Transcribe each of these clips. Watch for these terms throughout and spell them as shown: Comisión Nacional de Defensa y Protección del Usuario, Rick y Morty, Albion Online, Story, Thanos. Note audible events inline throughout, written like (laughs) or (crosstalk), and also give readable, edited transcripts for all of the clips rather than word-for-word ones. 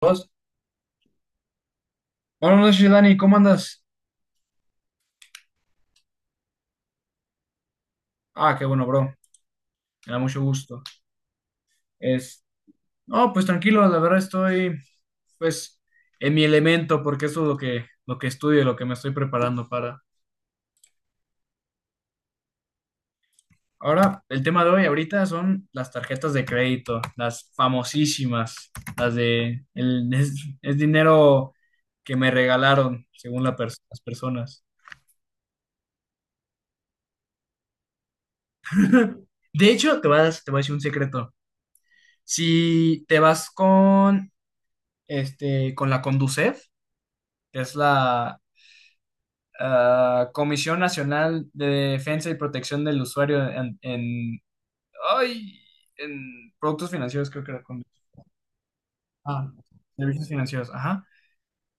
Dos. Buenas noches, Dani, ¿cómo andas? Ah, qué bueno, bro. Me da mucho gusto. Es, no, pues tranquilo, la verdad estoy, pues, en mi elemento, porque eso es lo que estudio, lo que me estoy preparando para. Ahora, el tema de hoy ahorita son las tarjetas de crédito, las famosísimas, las de, el, es dinero que me regalaron, según las personas. (laughs) De hecho, te voy a decir un secreto. Si te vas con, con la Conducef, que es la Comisión Nacional de Defensa y Protección del Usuario ay, en productos financieros, creo que era ah, servicios financieros, ajá.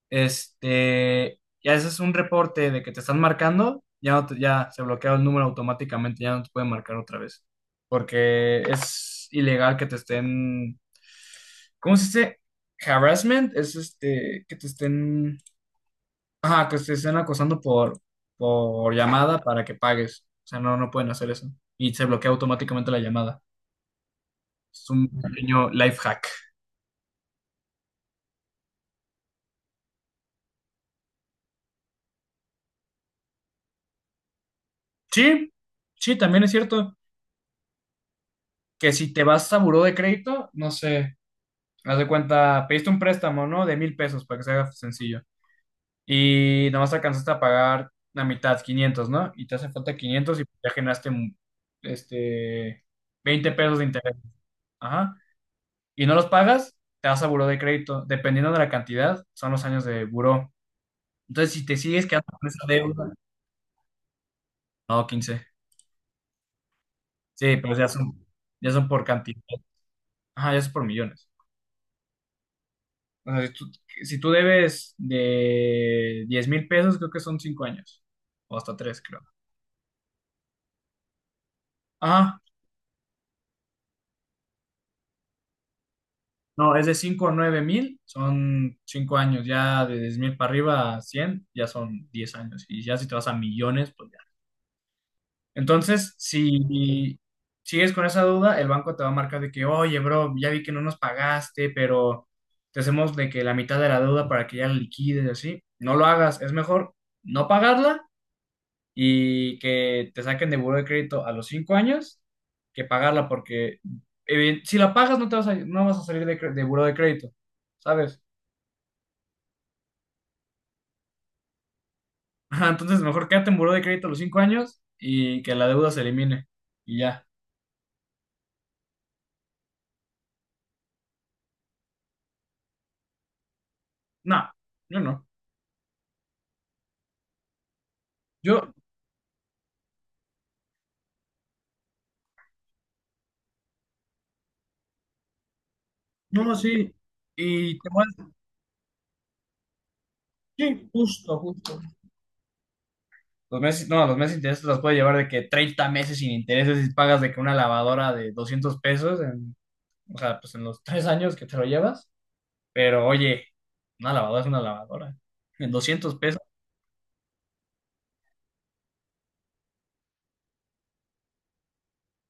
Ya ese es un reporte de que te están marcando, ya, no te- ya se bloquea el número automáticamente, ya no te pueden marcar otra vez, porque es ilegal que te estén, ¿cómo se dice? Harassment, que te estén Ajá, que te estén acosando por, llamada para que pagues. O sea, no, no pueden hacer eso. Y se bloquea automáticamente la llamada. Es un pequeño life hack. Sí, sí, también es cierto que si te vas a buró de crédito, no sé, haz de cuenta, pediste un préstamo, ¿no? De 1,000 pesos para que se haga sencillo. Y nomás alcanzaste a pagar la mitad, 500, ¿no? Y te hace falta 500 y ya generaste este, 20 pesos de interés. Ajá. Y no los pagas, te vas a buró de crédito. Dependiendo de la cantidad, son los años de buró. Entonces, si te sigues quedando con esa deuda, no, 15. Sí, pero ya son, por cantidad. Ajá, ya son por millones. O sea, si tú debes de 10,000 pesos, creo que son 5 años. O hasta 3 creo. Ajá. No, es de 5,000 a 9,000, son 5 años. Ya de 10,000 para arriba a 100, ya son 10 años. Y ya si te vas a millones, pues... Entonces, si sigues con esa duda, el banco te va a marcar de que, oye, bro, ya vi que no nos pagaste, pero te hacemos de que la mitad de la deuda para que ya la liquides, así. No lo hagas, es mejor no pagarla y que te saquen de buró de crédito a los 5 años que pagarla, porque si la pagas no vas a salir de buró de crédito, ¿sabes? (laughs) Ajá. Entonces, mejor quédate en buró de crédito a los 5 años y que la deuda se elimine y ya. No, yo no. Yo, No, sí. Y te voy a- Sí, justo, justo. Los meses, no, los meses de intereses los puedes llevar de que 30 meses sin intereses y pagas de que una lavadora de 200 pesos, o sea, pues en los 3 años que te lo llevas. Pero oye, una lavadora es una lavadora. En 200 pesos.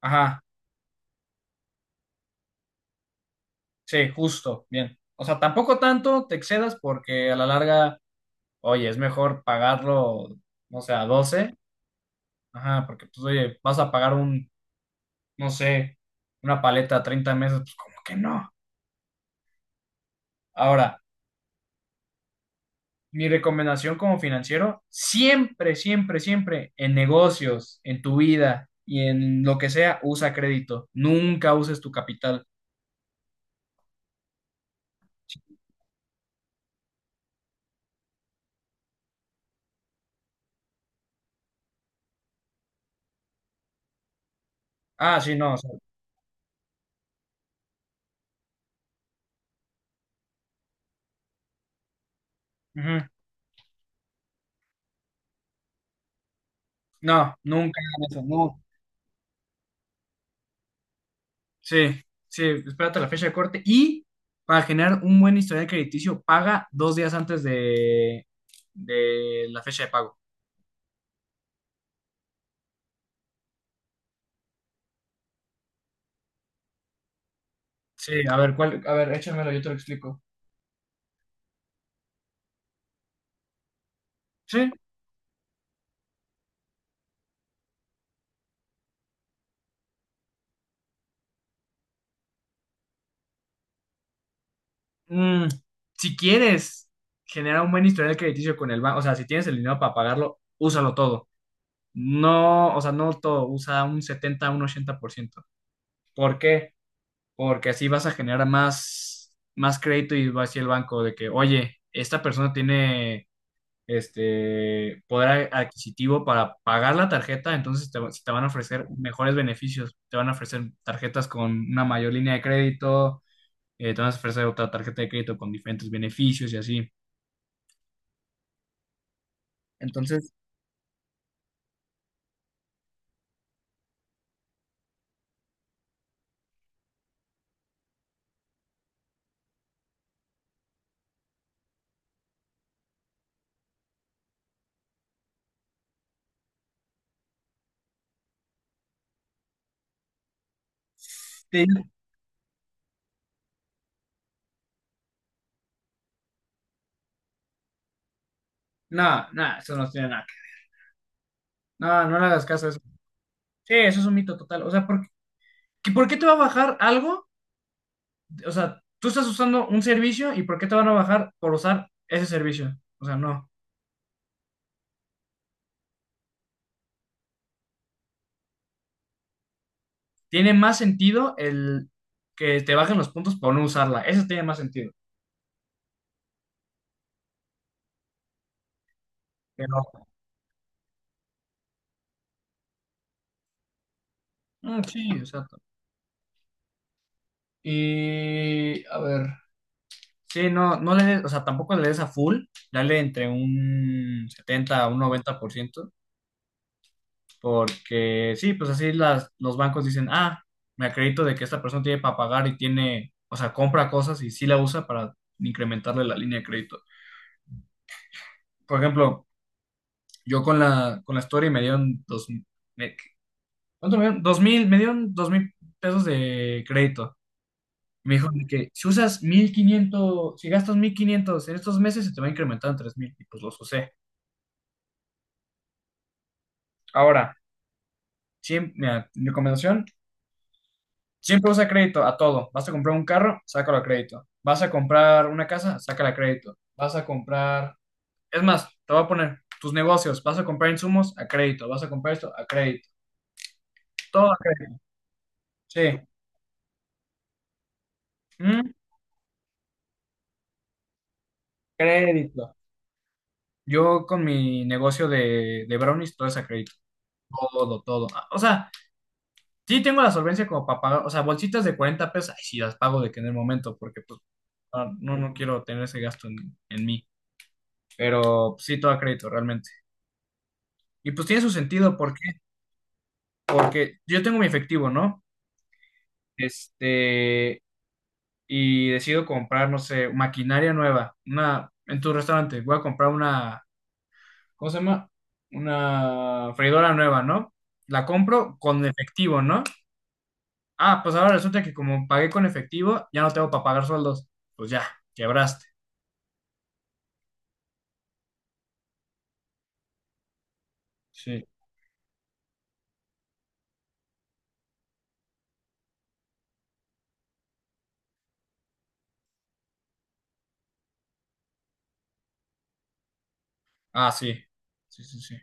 Ajá, sí, justo, bien. O sea, tampoco tanto te excedas porque a la larga, oye, es mejor pagarlo, no sé, a 12. Ajá, porque pues oye, vas a pagar no sé, una paleta a 30 meses, pues como que no. Ahora, mi recomendación como financiero, siempre, siempre, siempre en negocios, en tu vida y en lo que sea, usa crédito. Nunca uses tu capital. Ah, sí, no. O sea, ujú. No, nunca hagan eso, no. Sí, sí, espérate la fecha de corte y para generar un buen historial crediticio, paga 2 días antes de la fecha de pago. Sí, a ver, ¿cuál? A ver, échamelo, yo te lo explico. Sí. Mm, si quieres generar un buen historial crediticio con el banco, o sea, si tienes el dinero para pagarlo, úsalo todo. No, o sea, no todo, usa un 70, un 80%, por ciento. ¿Por qué? Porque así vas a generar más, más crédito y va hacia el banco de que, oye, esta persona tiene este poder adquisitivo para pagar la tarjeta, entonces te van a ofrecer mejores beneficios, te van a ofrecer tarjetas con una mayor línea de crédito, te van a ofrecer otra tarjeta de crédito con diferentes beneficios y así. Entonces, te digo, no, no, eso no tiene nada. No, no le hagas caso a eso. Sí, eso es un mito total. O sea, ¿por qué te va a bajar algo? O sea, tú estás usando un servicio y ¿por qué te van a bajar por usar ese servicio? O sea, no. Tiene más sentido el que te bajen los puntos por no usarla. Eso tiene más sentido. Pero, mm, sí, exacto. Y, a ver. Sí, no, no le des, o sea, tampoco le des a full, dale entre un 70% a 90%, porque sí, pues así los bancos dicen, ah, me acredito de que esta persona tiene para pagar y tiene, o sea, compra cosas y sí la usa para incrementarle la línea de crédito. Por ejemplo, yo con la Story me dieron dos, me- ¿cuánto me dieron? 2,000, me dieron 2,000 pesos de crédito. Me dijo de que si usas 1,500, si gastas 1,500 en estos meses, se te va a incrementar en 3,000 y pues los usé. Ahora, mira, mi recomendación, siempre usa crédito a todo. Vas a comprar un carro, sácalo a crédito. Vas a comprar una casa, sácala a crédito. Vas a comprar, es más, te voy a poner tus negocios. Vas a comprar insumos a crédito. Vas a comprar esto a crédito. Todo a crédito. Sí. Mm, Crédito. Yo con mi negocio de brownies, todo es a crédito. Todo, todo. Ah, o sea, sí tengo la solvencia como para pagar, o sea, bolsitas de 40 pesos, ay, sí las pago de que en el momento, porque pues no, no quiero tener ese gasto en mí. Pero pues, sí, todo a crédito, realmente. Y pues tiene su sentido, ¿por qué? Porque yo tengo mi efectivo, ¿no? Este, y decido comprar, no sé, maquinaria nueva, una, en tu restaurante, voy a comprar una, ¿cómo se llama? Una freidora nueva, ¿no? La compro con efectivo, ¿no? Ah, pues ahora resulta que como pagué con efectivo, ya no tengo para pagar sueldos. Pues ya, quebraste. Sí. Ah, sí. Sí, sí, sí.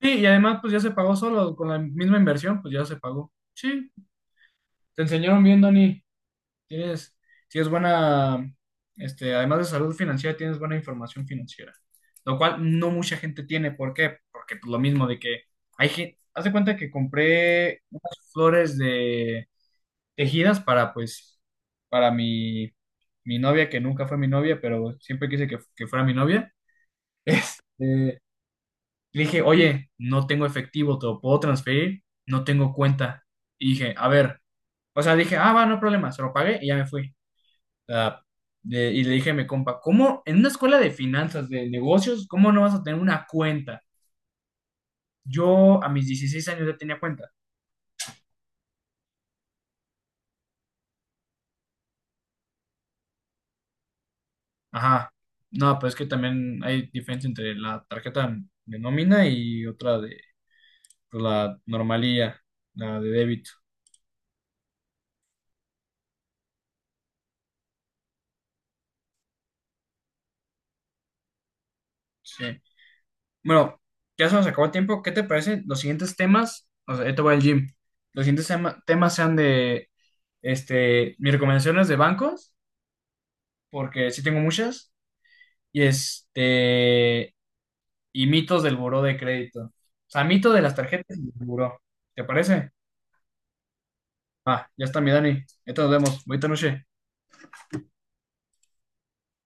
Sí, y además, pues ya se pagó solo, con la misma inversión, pues ya se pagó. Sí, te enseñaron bien, Dani. Tienes, tienes buena, además de salud financiera, tienes buena información financiera, lo cual no mucha gente tiene. ¿Por qué? Porque pues, lo mismo de que hay gente, haz de cuenta que compré unas flores de tejidas para, pues, para mi novia, que nunca fue mi novia, pero siempre quise que fuera mi novia. (laughs) Este, Le dije, oye, no tengo efectivo, ¿te lo puedo transferir? No tengo cuenta. Y dije, a ver. O sea, dije, ah, va, no hay problema, se lo pagué y ya me fui. Ah, y le dije a mi compa, ¿cómo en una escuela de finanzas, de negocios, cómo no vas a tener una cuenta? Yo a mis 16 años ya tenía cuenta. Ajá. No, pues es que también hay diferencia entre la tarjeta de nómina y otra de, pues, la normalía, la de débito. Sí. Bueno, ya se nos acabó el tiempo. ¿Qué te parece? Los siguientes temas, o sea, yo te voy al gym. Los siguientes temas sean de, mis recomendaciones de bancos, porque sí tengo muchas. y este y mitos del buró de crédito. O sea, mito de las tarjetas y del buró. ¿Te parece? Ah, ya está mi Dani. Entonces nos vemos. Buenas noches.